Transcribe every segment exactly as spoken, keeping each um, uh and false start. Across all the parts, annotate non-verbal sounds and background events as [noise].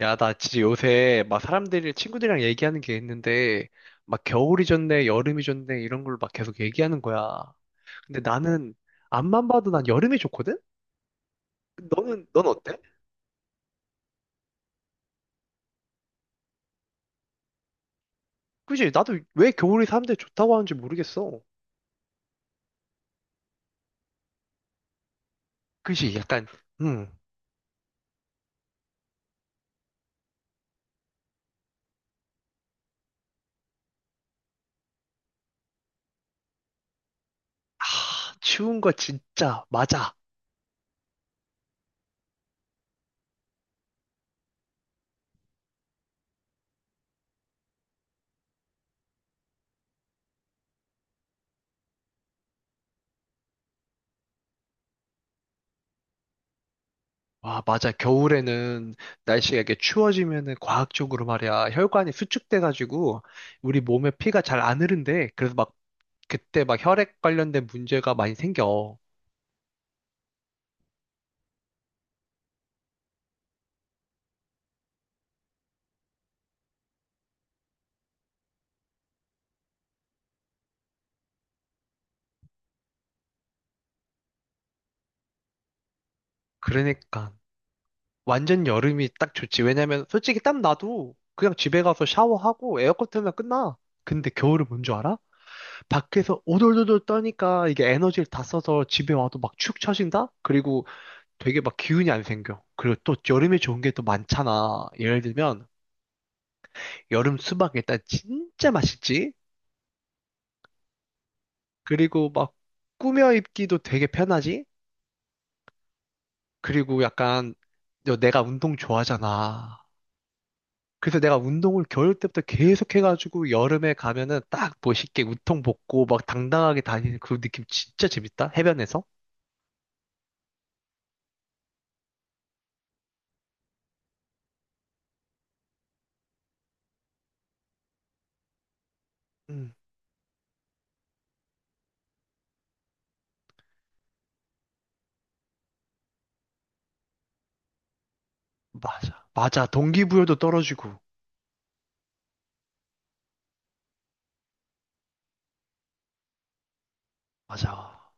야, 나 진짜 요새 막 사람들이 친구들이랑 얘기하는 게 있는데 막 겨울이 좋네, 여름이 좋네 이런 걸 막 계속 얘기하는 거야. 근데 나는 앞만 봐도 난 여름이 좋거든? 너는 넌 어때? 그지? 나도 왜 겨울이 사람들이 좋다고 하는지 모르겠어. 그지? 약간 음. 아, 추운 거 진짜 맞아. 와, 맞아. 겨울에는 날씨가 이렇게 추워지면은 과학적으로 말이야. 혈관이 수축돼가지고 우리 몸에 피가 잘 안 흐른대. 그래서 막 그때 막 혈액 관련된 문제가 많이 생겨. 그러니까 완전 여름이 딱 좋지. 왜냐면 솔직히 땀 나도 그냥 집에 가서 샤워하고 에어컨 틀면 끝나. 근데 겨울은 뭔 줄 알아? 밖에서 오돌오돌 떠니까 이게 에너지를 다 써서 집에 와도 막 축 처진다? 그리고 되게 막 기운이 안 생겨. 그리고 또 여름에 좋은 게 또 많잖아. 예를 들면 여름 수박 일단 진짜 맛있지? 그리고 막 꾸며 입기도 되게 편하지? 그리고 약간 너- 내가 운동 좋아하잖아. 그래서 내가 운동을 겨울 때부터 계속 해가지고 여름에 가면은 딱 멋있게 웃통 벗고 막 당당하게 다니는 그 느낌 진짜 재밌다. 해변에서. 음, 맞아. 맞아. 동기부여도 떨어지고. 맞아.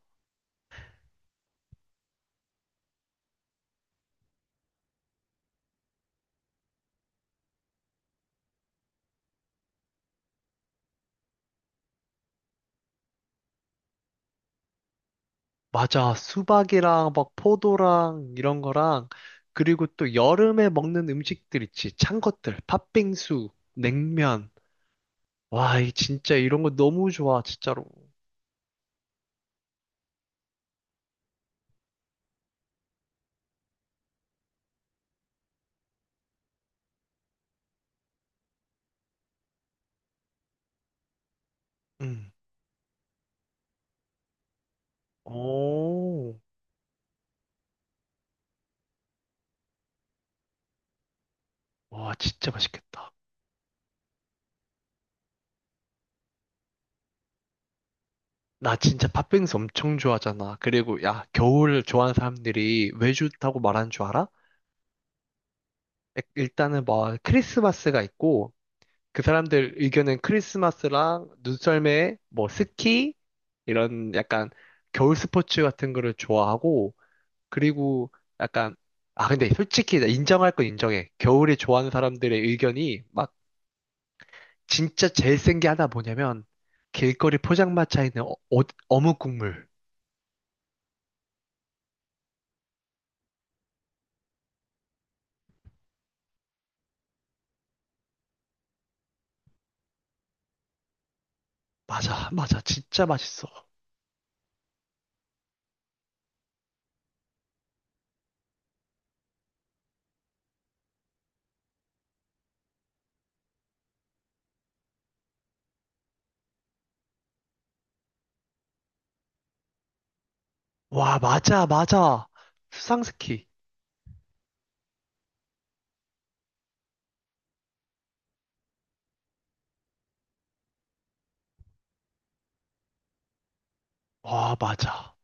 맞아. 수박이랑 막 포도랑 이런 거랑 그리고 또 여름에 먹는 음식들 있지. 찬 것들. 팥빙수, 냉면. 와, 이 진짜 이런 거 너무 좋아. 진짜로. 음. 오. 와, 진짜 맛있겠다. 나 진짜 팥빙수 엄청 좋아하잖아. 그리고 야, 겨울 좋아하는 사람들이 왜 좋다고 말하는 줄 알아? 에- 일단은 뭐 크리스마스가 있고 그 사람들 의견은 크리스마스랑 눈썰매, 뭐 스키 이런 약간 겨울 스포츠 같은 거를 좋아하고 그리고 약간 아 근데 솔직히 나 인정할 건 인정해. 겨울에 좋아하는 사람들의 의견이 막 진짜 제일 센 게 하나 뭐냐면 길거리 포장마차에 있는 어, 어- 어묵 국물. 맞아, 맞아. 진짜 맛있어. 와, 맞아, 맞아. 수상스키. 와, 맞아.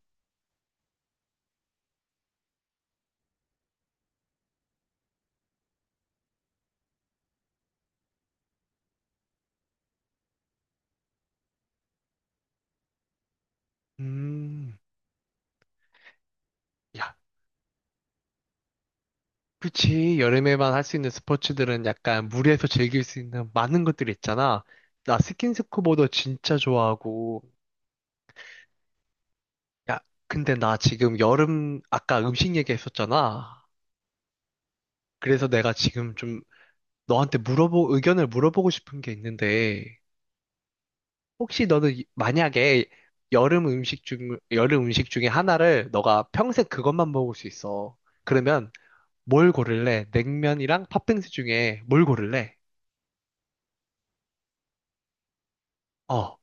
음, 야, 그치. 여름에만 할 수 있는 스포츠들은 약간 물에서 즐길 수 있는 많은 것들이 있잖아. 나 스킨스쿠버도 진짜 좋아하고. 야, 근데 나 지금 여름, 아까 음식 얘기했었잖아. 그래서 내가 지금 좀 너한테 물어보, 의견을 물어보고 싶은 게 있는데, 혹시 너는 이- 만약에 여름 음식 중, 여름 음식 중에 하나를 너가 평생 그것만 먹을 수 있어. 그러면 뭘 고를래? 냉면이랑 팥빙수 중에 뭘 고를래? 어.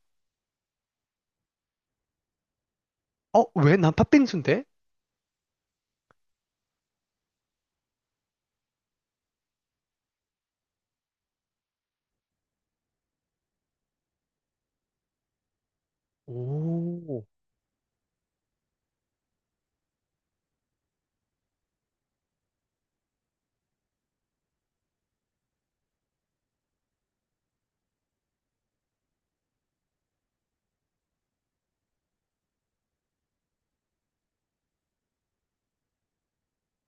어, 왜 난 팥빙수인데? 오.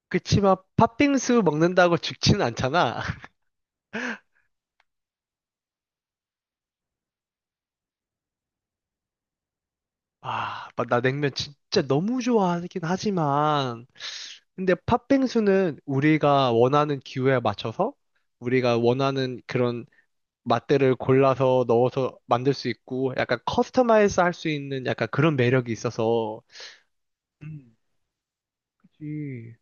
그치만 팥빙수 먹는다고 죽지는 않잖아. [laughs] 아, 마- 나 냉면 진짜 너무 좋아하긴 하지만. 근데 팥빙수는 우리가 원하는 기호에 맞춰서 우리가 원하는 그런 맛들을 골라서 넣어서 만들 수 있고 약간 커스터마이즈 할 수 있는 약간 그런 매력이 있어서. 음, 그치.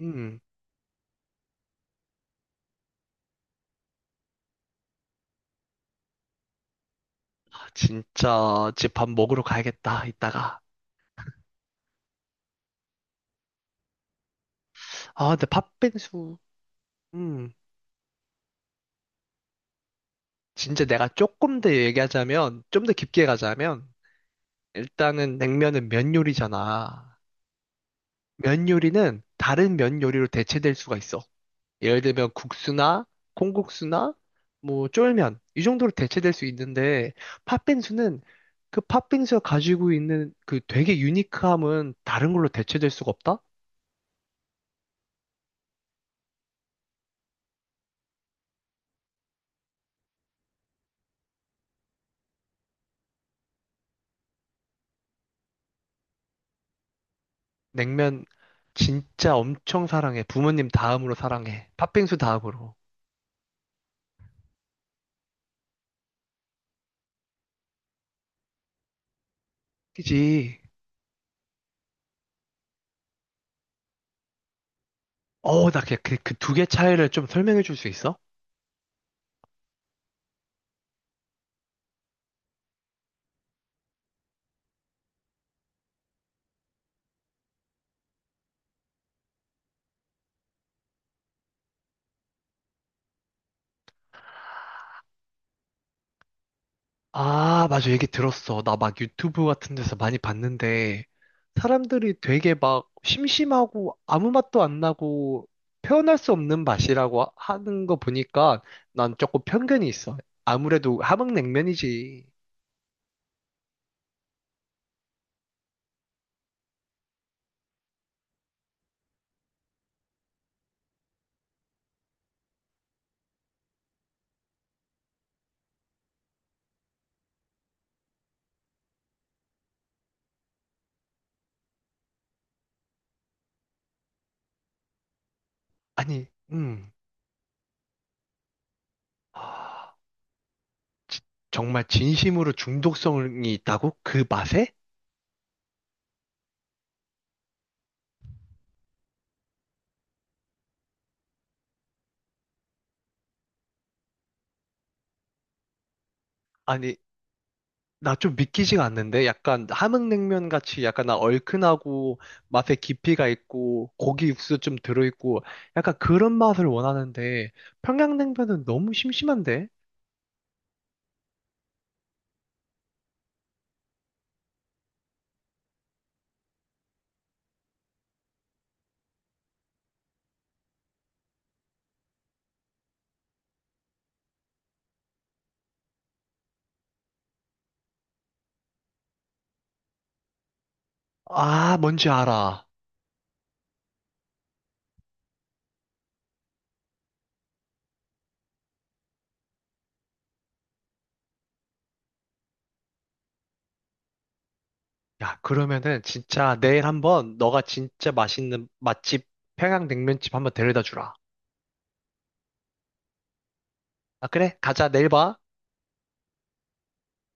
음. 진짜 집 밥 먹으러 가야겠다, 이따가. 아, 근데 팥빙수. 음, 진짜 내가 조금 더 얘기하자면, 좀 더 깊게 가자면, 일단은 냉면은 면 요리잖아. 면 요리는 다른 면 요리로 대체될 수가 있어. 예를 들면 국수나 콩국수나 뭐 쫄면 이 정도로 대체될 수 있는데 팥빙수는 그 팥빙수가 가지고 있는 그 되게 유니크함은 다른 걸로 대체될 수가 없다? 냉면 진짜 엄청 사랑해. 부모님 다음으로 사랑해. 팥빙수 다음으로. 그지? 어, 나 그, 그 그 두 개 차이를 좀 설명해 줄 수 있어? 아, 맞아. 얘기 들었어. 나 막 유튜브 같은 데서 많이 봤는데, 사람들이 되게 막 심심하고 아무 맛도 안 나고 표현할 수 없는 맛이라고 하- 하는 거 보니까 난 조금 편견이 있어. 아무래도 함흥냉면이지. 아니, 음. 지- 정말 진심으로 중독성이 있다고? 그 맛에? 아니, 나 좀 믿기지가 않는데? 약간 함흥냉면 같이 약간 나 얼큰하고 맛에 깊이가 있고 고기 육수 좀 들어있고 약간 그런 맛을 원하는데 평양냉면은 너무 심심한데? 아, 뭔지 알아. 야, 그러면은 진짜 내일 한번 너가 진짜 맛있는 맛집 평양냉면집 한번 데려다 주라. 아, 그래? 가자. 내일 봐.